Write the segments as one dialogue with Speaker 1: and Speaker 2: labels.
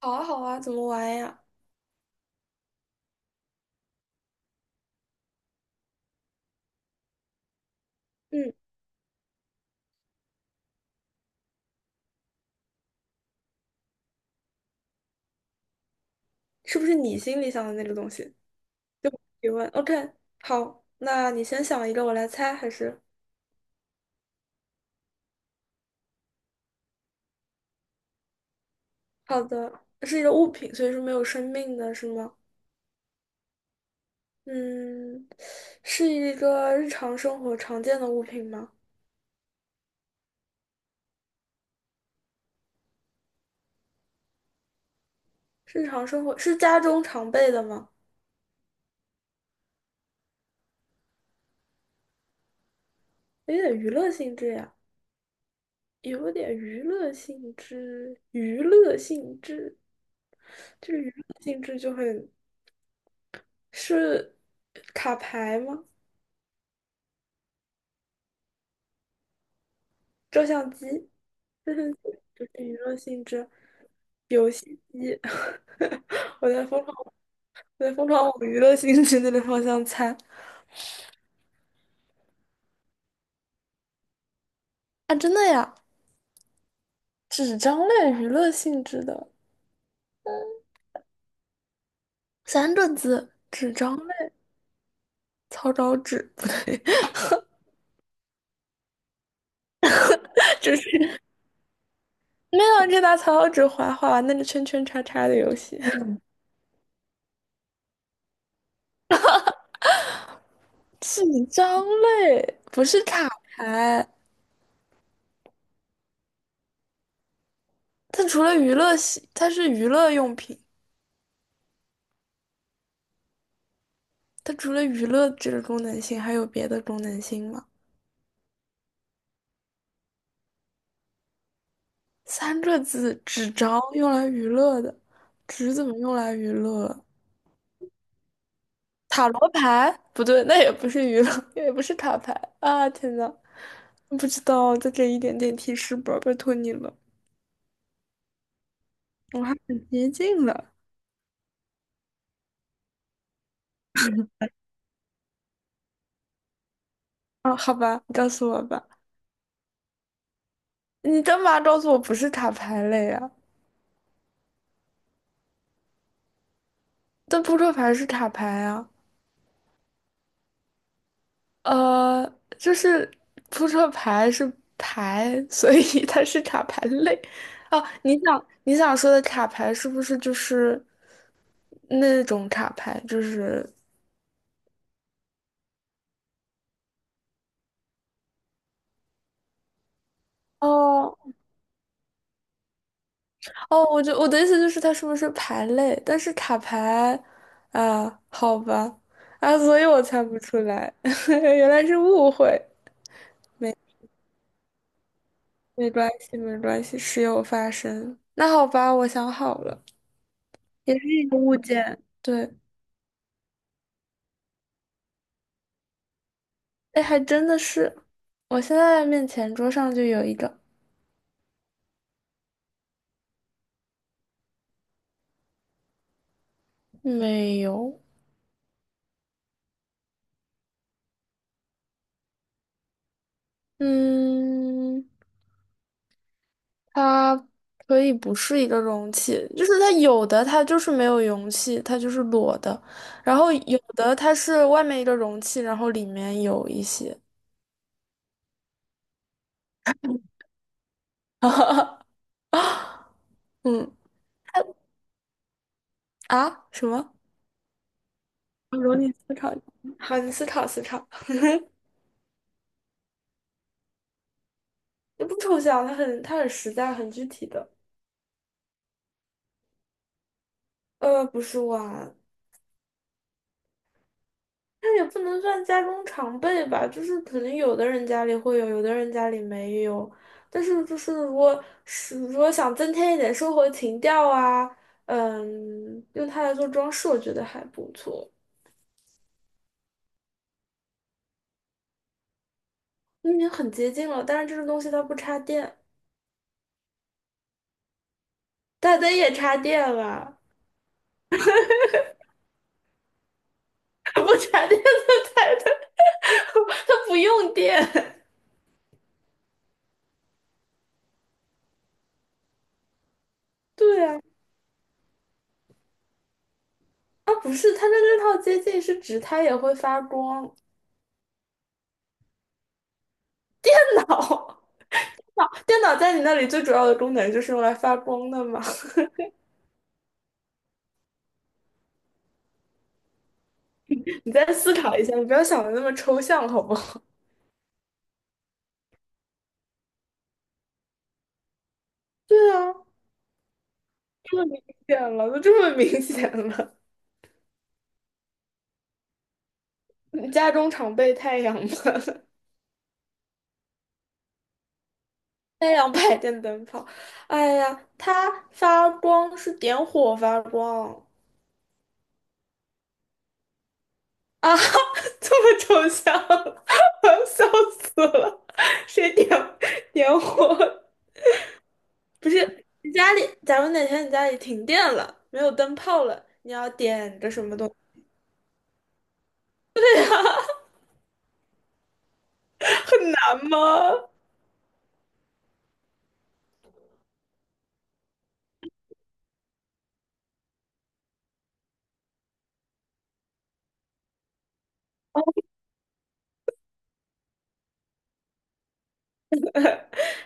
Speaker 1: 好啊，好啊，怎么玩呀？嗯，是不是你心里想的那个东西？提问。OK，好，那你先想一个，我来猜，还是？好的，是一个物品，所以说没有生命的，是吗？嗯，是一个日常生活常见的物品吗？日常生活是家中常备的吗？有点娱乐性质呀，有点娱乐性质，娱乐性质，这个娱乐性质就很，是卡牌吗？照相机。就是娱乐性质，游戏机，我在疯狂，我在疯狂往娱乐性质那个方向猜。啊！真的呀，纸张类娱乐性质的三个字，纸张类，草稿纸不对，就是没有啊，就拿草稿纸划划玩那个圈圈叉叉的游戏，纸张类不是卡牌，它除了娱乐性，它是娱乐用品，它除了娱乐这个功能性，还有别的功能性吗？三个字，纸张用来娱乐的，纸怎么用来娱乐？塔罗牌？不对，那也不是娱乐，也不是塔牌。啊！天呐，不知道，就这一点点提示吧，拜托你了，我还很接近了。啊！好吧，你告诉我吧，你干嘛告诉我不是塔牌类啊？但扑克牌是塔牌啊。呃，就是扑克牌是牌，所以 它是卡牌类。哦，你想你想说的卡牌是不是就是那种卡牌？就是哦哦，我就我的意思就是它是不是牌类？但是卡牌。啊，好吧。啊，所以我猜不出来，原来是误会。没关系，没关系，时有发生。那好吧，我想好了，也是一个物件，对。哎，还真的是，我现在面前桌上就有一个，没有，嗯，它可以不是一个容器，就是它有的它就是没有容器，它就是裸的，然后有的它是外面一个容器，然后里面有一些，嗯，啊，什么？我容你思考，好，你思考思考，你不抽象，它很它很实在，很具体的，不是碗，那也不能算家中常备吧，就是可能有的人家里会有，有的人家里没有。但是就是如果是如果想增添一点生活情调啊，嗯，用它来做装饰，我觉得还不错。嗯已经很接近了，但是这个东西它不插电，大灯也插电了，不插电的台灯，它不用电。对啊，啊不是，它的这套接近是指它也会发光。老。电脑在你那里最主要的功能就是用来发光的嘛 你再思考一下，你不要想的那么抽象，好不好？对啊，这么明显了，都这么明显了。你家中常备太阳吗？太阳牌电灯泡，哎呀，它发光是点火发光。啊，这么抽象，我要笑死了。谁点点火？不是你家里，假如哪天你家里停电了，没有灯泡了，你要点个什么东很难吗？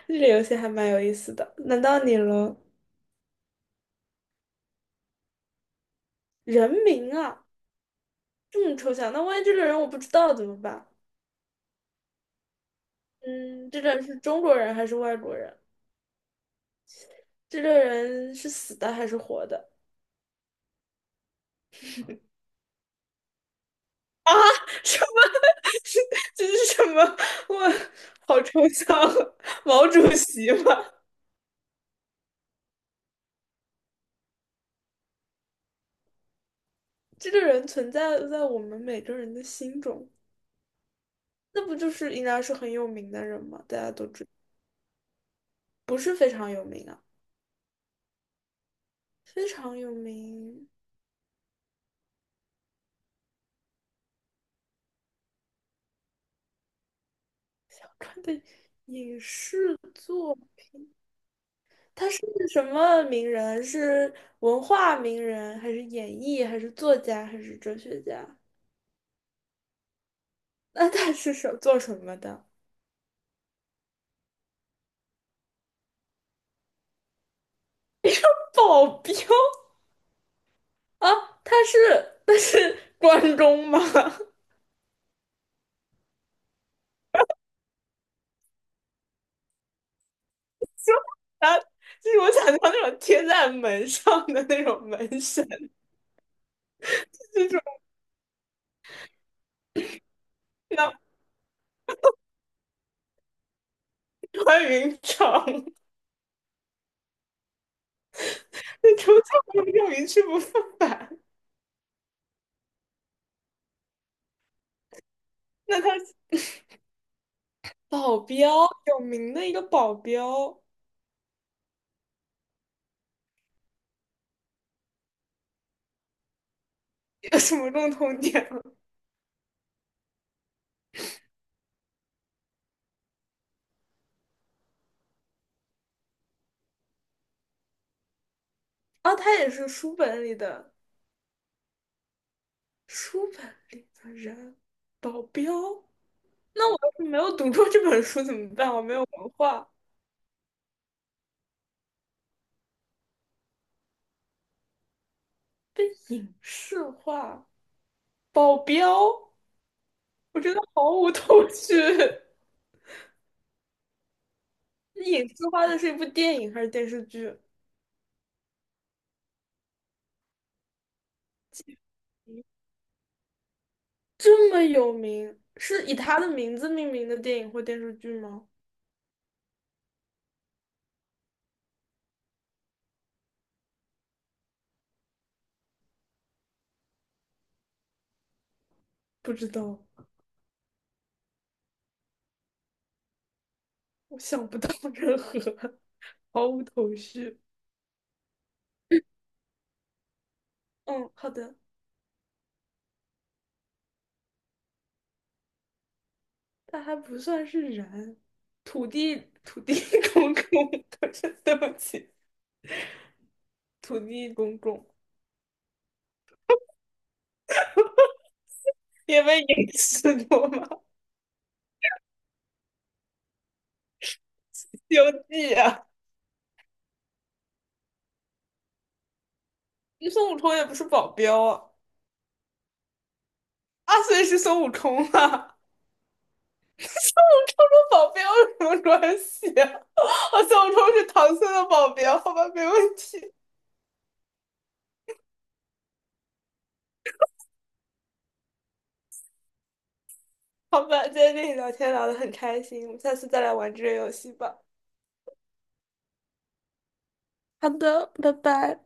Speaker 1: 这个游戏还蛮有意思的，难到你了。人名啊，这么抽象，那万一这个人我不知道怎么办？嗯，这个人是中国人还是外国人？这个人是死的还是活的？啊，什么？是这是什么？我好抽象啊，毛主席吗？这个人存在在我们每个人的心中，那不就是应该是很有名的人吗？大家都知，不是非常有名啊，非常有名。想看的影视作，他是什么名人？是文化名人，还是演艺，还是作家，还是哲学家？那他是什做什么的？保镖啊？他是他是关中吗？啊，就是我想象那种贴在门上的那种门神，这种像穿云长，那种叫用一去不复返。那他是保镖有名的一个保镖，有什么共同点吗？哦，他也是书本里的书本里的人，保镖。那我要是没有读过这本书怎么办？我没有文化，被影视化，保镖，我真的毫无头绪。影视化的是一部电影还是电视剧？这么有名，是以他的名字命名的电影或电视剧吗？不知道，我想不到任何，毫无头绪。嗯，好的。他还不算是人，土地土地 公公，不是对不起，土地公公因为影视过吗？《西游记》啊，那孙悟空也不是保镖啊，阿虽是孙悟空啊，孙悟空跟保镖有什么关系啊？我孙悟空是唐僧的保镖，好吧，没问题。好吧，今天跟你聊天聊得很开心，我们下次再来玩这个游戏吧。好的，拜拜。